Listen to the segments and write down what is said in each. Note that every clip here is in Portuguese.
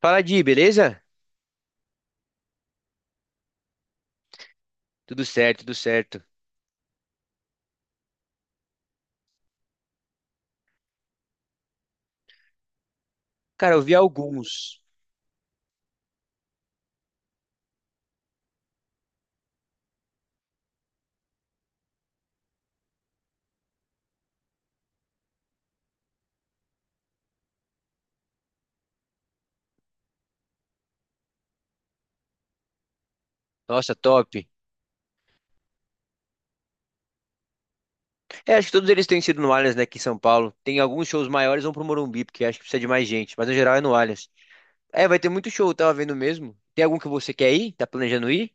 Fala, Di, beleza? Tudo certo, tudo certo. Cara, eu vi alguns. Nossa, top. É, acho que todos eles têm sido no Allianz, né, aqui em São Paulo. Tem alguns shows maiores, vão pro Morumbi, porque acho que precisa de mais gente, mas no geral é no Allianz. É, vai ter muito show, eu tava vendo mesmo. Tem algum que você quer ir? Tá planejando ir?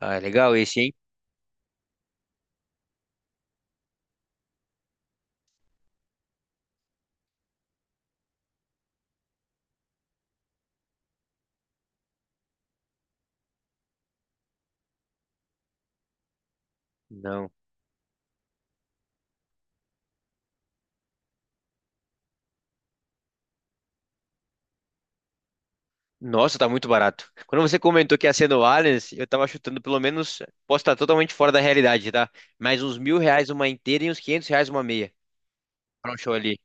Ah, é legal esse, hein? Não. Nossa, tá muito barato. Quando você comentou que ia ser no Allianz, eu tava chutando pelo menos, posso estar totalmente fora da realidade, tá? Mais uns R$ 1.000 uma inteira e uns R$ 500 uma meia pra um show ali.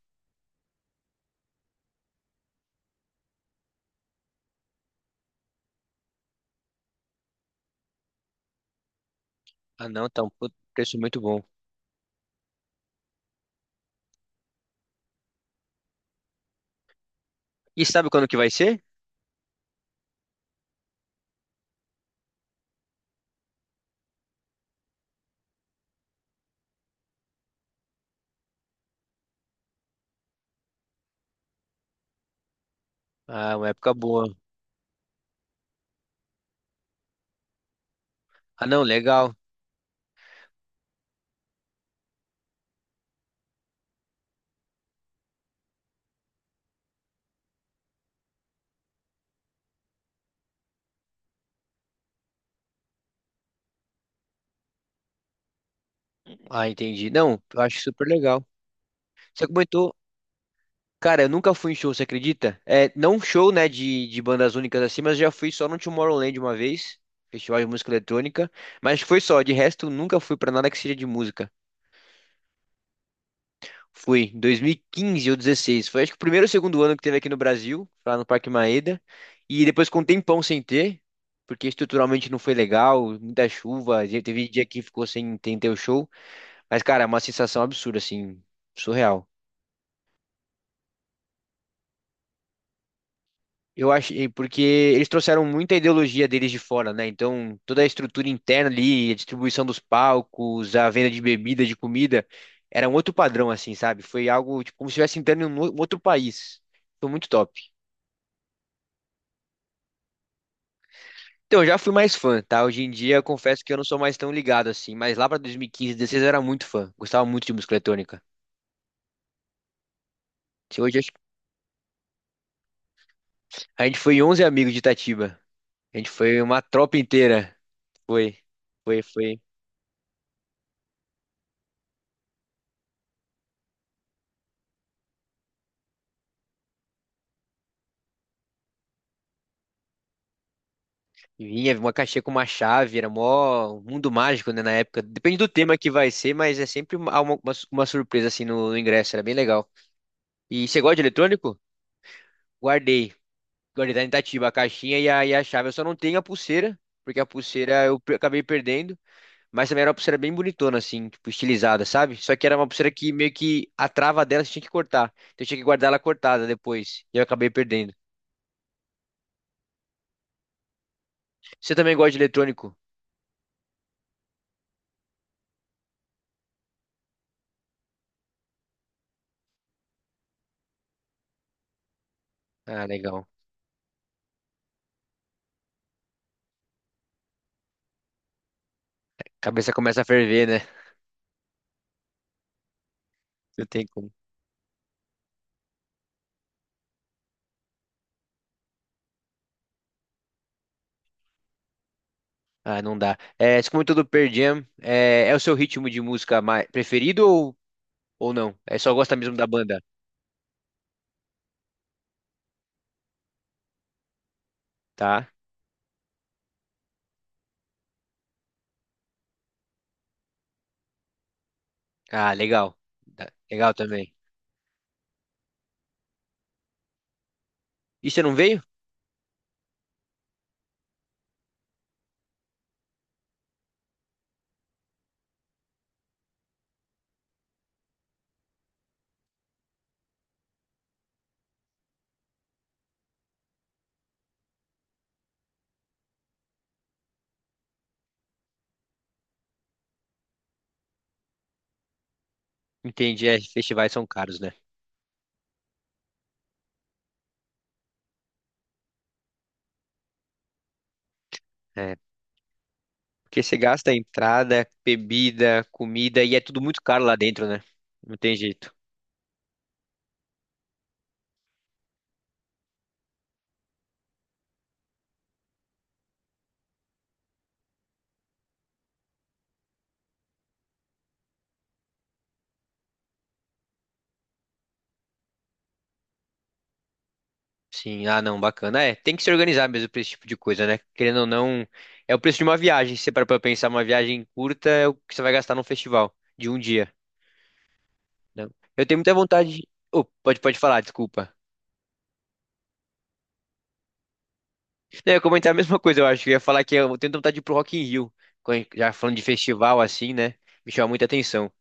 Ah, não, tá um preço muito bom. E sabe quando que vai ser? Ah, uma época boa. Ah, não, legal. Ah, entendi. Não, eu acho super legal. Você comentou, cara, eu nunca fui em show, você acredita? É, não show, né, de bandas únicas assim, mas já fui só no Tomorrowland uma vez, festival de música eletrônica, mas foi só, de resto nunca fui pra nada que seja de música. Fui em 2015 ou 16, foi acho que o primeiro ou segundo ano que teve aqui no Brasil, lá no Parque Maeda, e depois com um tempão sem ter, porque estruturalmente não foi legal, muita chuva, teve dia que ficou sem ter o show. Mas, cara, é uma sensação absurda, assim, surreal. Eu achei, porque eles trouxeram muita ideologia deles de fora, né? Então, toda a estrutura interna ali, a distribuição dos palcos, a venda de bebida, de comida, era um outro padrão, assim, sabe? Foi algo, tipo, como se estivesse entrando em um um outro país. Foi muito top. Então, eu já fui mais fã, tá? Hoje em dia, eu confesso que eu não sou mais tão ligado, assim, mas lá pra 2015, 16 eu era muito fã. Gostava muito de música eletrônica. Se Hoje, acho que- A gente foi 11 amigos de Itatiba. A gente foi uma tropa inteira. Foi, foi, foi. Vinha uma caixinha com uma chave, era mó mundo mágico, né, na época. Depende do tema que vai ser, mas é sempre uma surpresa, assim, no ingresso, era bem legal. E você gosta de eletrônico? Guardei. Guardei lá em Itatiba a caixinha e a chave. Eu só não tenho a pulseira, porque a pulseira eu acabei perdendo, mas também era uma pulseira bem bonitona, assim, tipo, estilizada, sabe? Só que era uma pulseira que meio que a trava dela você tinha que cortar. Então eu tinha que guardar ela cortada depois, e eu acabei perdendo. Você também gosta de eletrônico? Ah, legal. Cabeça começa a ferver, né? Não tem como. Ah, não dá. É, você comentou do Pearl Jam. É o seu ritmo de música mais preferido ou não? É só gosta mesmo da banda, tá? Ah, legal. Tá, legal também. E você não veio? Entendi, é, festivais são caros, né? É, porque você gasta entrada, bebida, comida e é tudo muito caro lá dentro, né? Não tem jeito. Sim, ah, não, bacana. É, tem que se organizar mesmo pra esse tipo de coisa, né? Querendo ou não, é o preço de uma viagem. Se você parar pra pensar, uma viagem curta é o que você vai gastar num festival de um dia. Não. Eu tenho muita vontade. Oh, pode, pode falar, desculpa. Não, eu ia comentar a mesma coisa, eu acho. Eu ia falar que eu tenho vontade de ir pro Rock in Rio. Já falando de festival assim, né? Me chama muita atenção.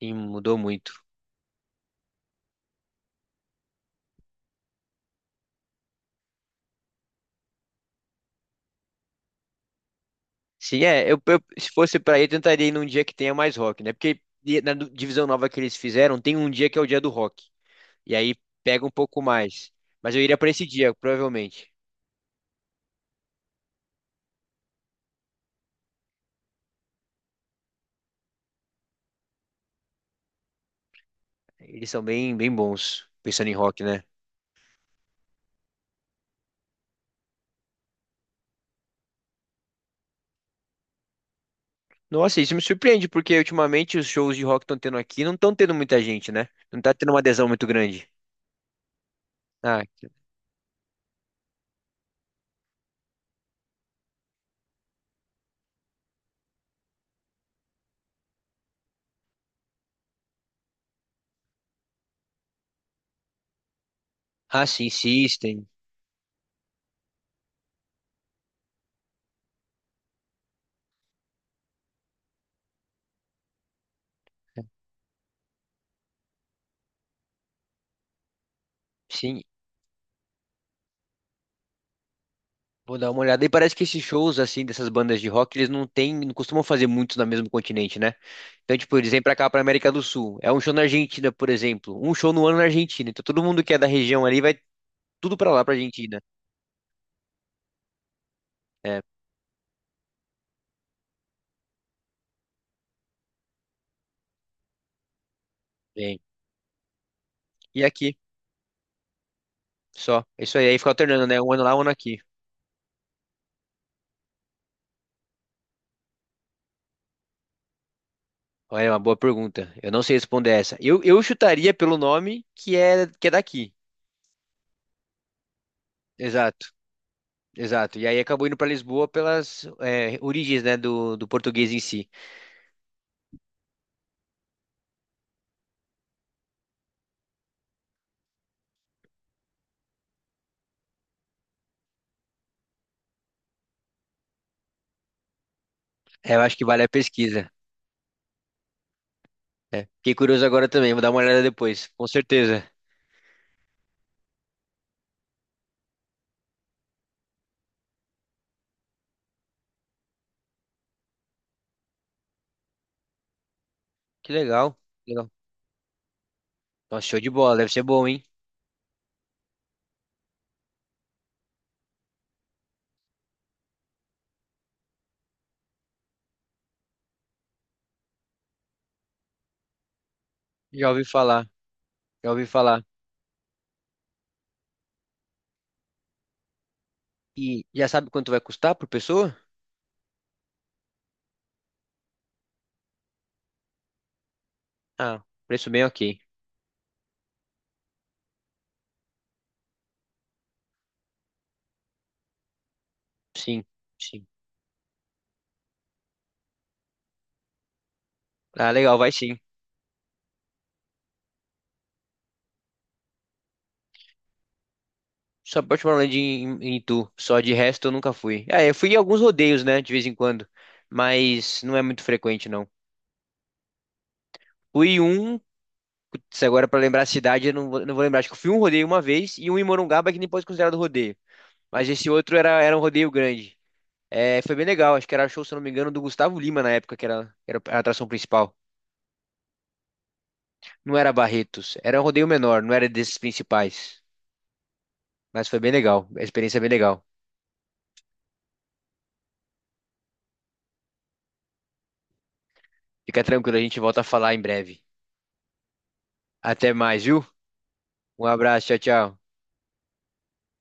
E mudou muito. Sim, é. Se fosse pra ir, eu tentaria ir num dia que tenha mais rock, né? Porque na divisão nova que eles fizeram, tem um dia que é o dia do rock. E aí pega um pouco mais. Mas eu iria pra esse dia, provavelmente. Eles são bem, bem bons, pensando em rock, né? Nossa, isso me surpreende, porque ultimamente os shows de rock estão tendo aqui não estão tendo muita gente, né? Não tá tendo uma adesão muito grande. Ah, que- ah, sim, System. Sim, vou dar uma olhada. E parece que esses shows, assim, dessas bandas de rock, eles não têm, não costumam fazer muitos no mesmo continente, né? Então, tipo, eles vêm pra cá, pra América do Sul. É um show na Argentina, por exemplo. Um show no ano na Argentina. Então, todo mundo que é da região ali vai tudo pra lá, pra Argentina. É, bem. E aqui, só. É isso aí, aí fica alternando, né? Um ano lá, um ano aqui. Olha, é uma boa pergunta. Eu não sei responder essa. Eu chutaria pelo nome que é daqui. Exato, exato. E aí acabou indo para Lisboa pelas origens, né, do português em si. É, eu acho que vale a pesquisa, né? Fiquei curioso agora também, vou dar uma olhada depois, com certeza. Que legal, que legal. Nossa, show de bola, deve ser bom, hein? Já ouvi falar, já ouvi falar. E já sabe quanto vai custar por pessoa? Ah, preço bem ok. Sim, sim. Ah, legal, vai sim. Só Portmorland em Itu. Só de resto eu nunca fui. Ah, eu fui em alguns rodeios, né? De vez em quando. Mas não é muito frequente, não. Fui um. Putz, agora pra lembrar a cidade, eu não vou lembrar. Acho que eu fui um rodeio uma vez e um em Morungaba que nem pode ser considerado rodeio. Mas esse outro era um rodeio grande. É, foi bem legal. Acho que era show, se eu não me engano, do Gustavo Lima na época, que era a atração principal. Não era Barretos. Era um rodeio menor, não era desses principais. Mas foi bem legal. A experiência é bem legal. Fica tranquilo, a gente volta a falar em breve. Até mais, viu? Um abraço, tchau, tchau.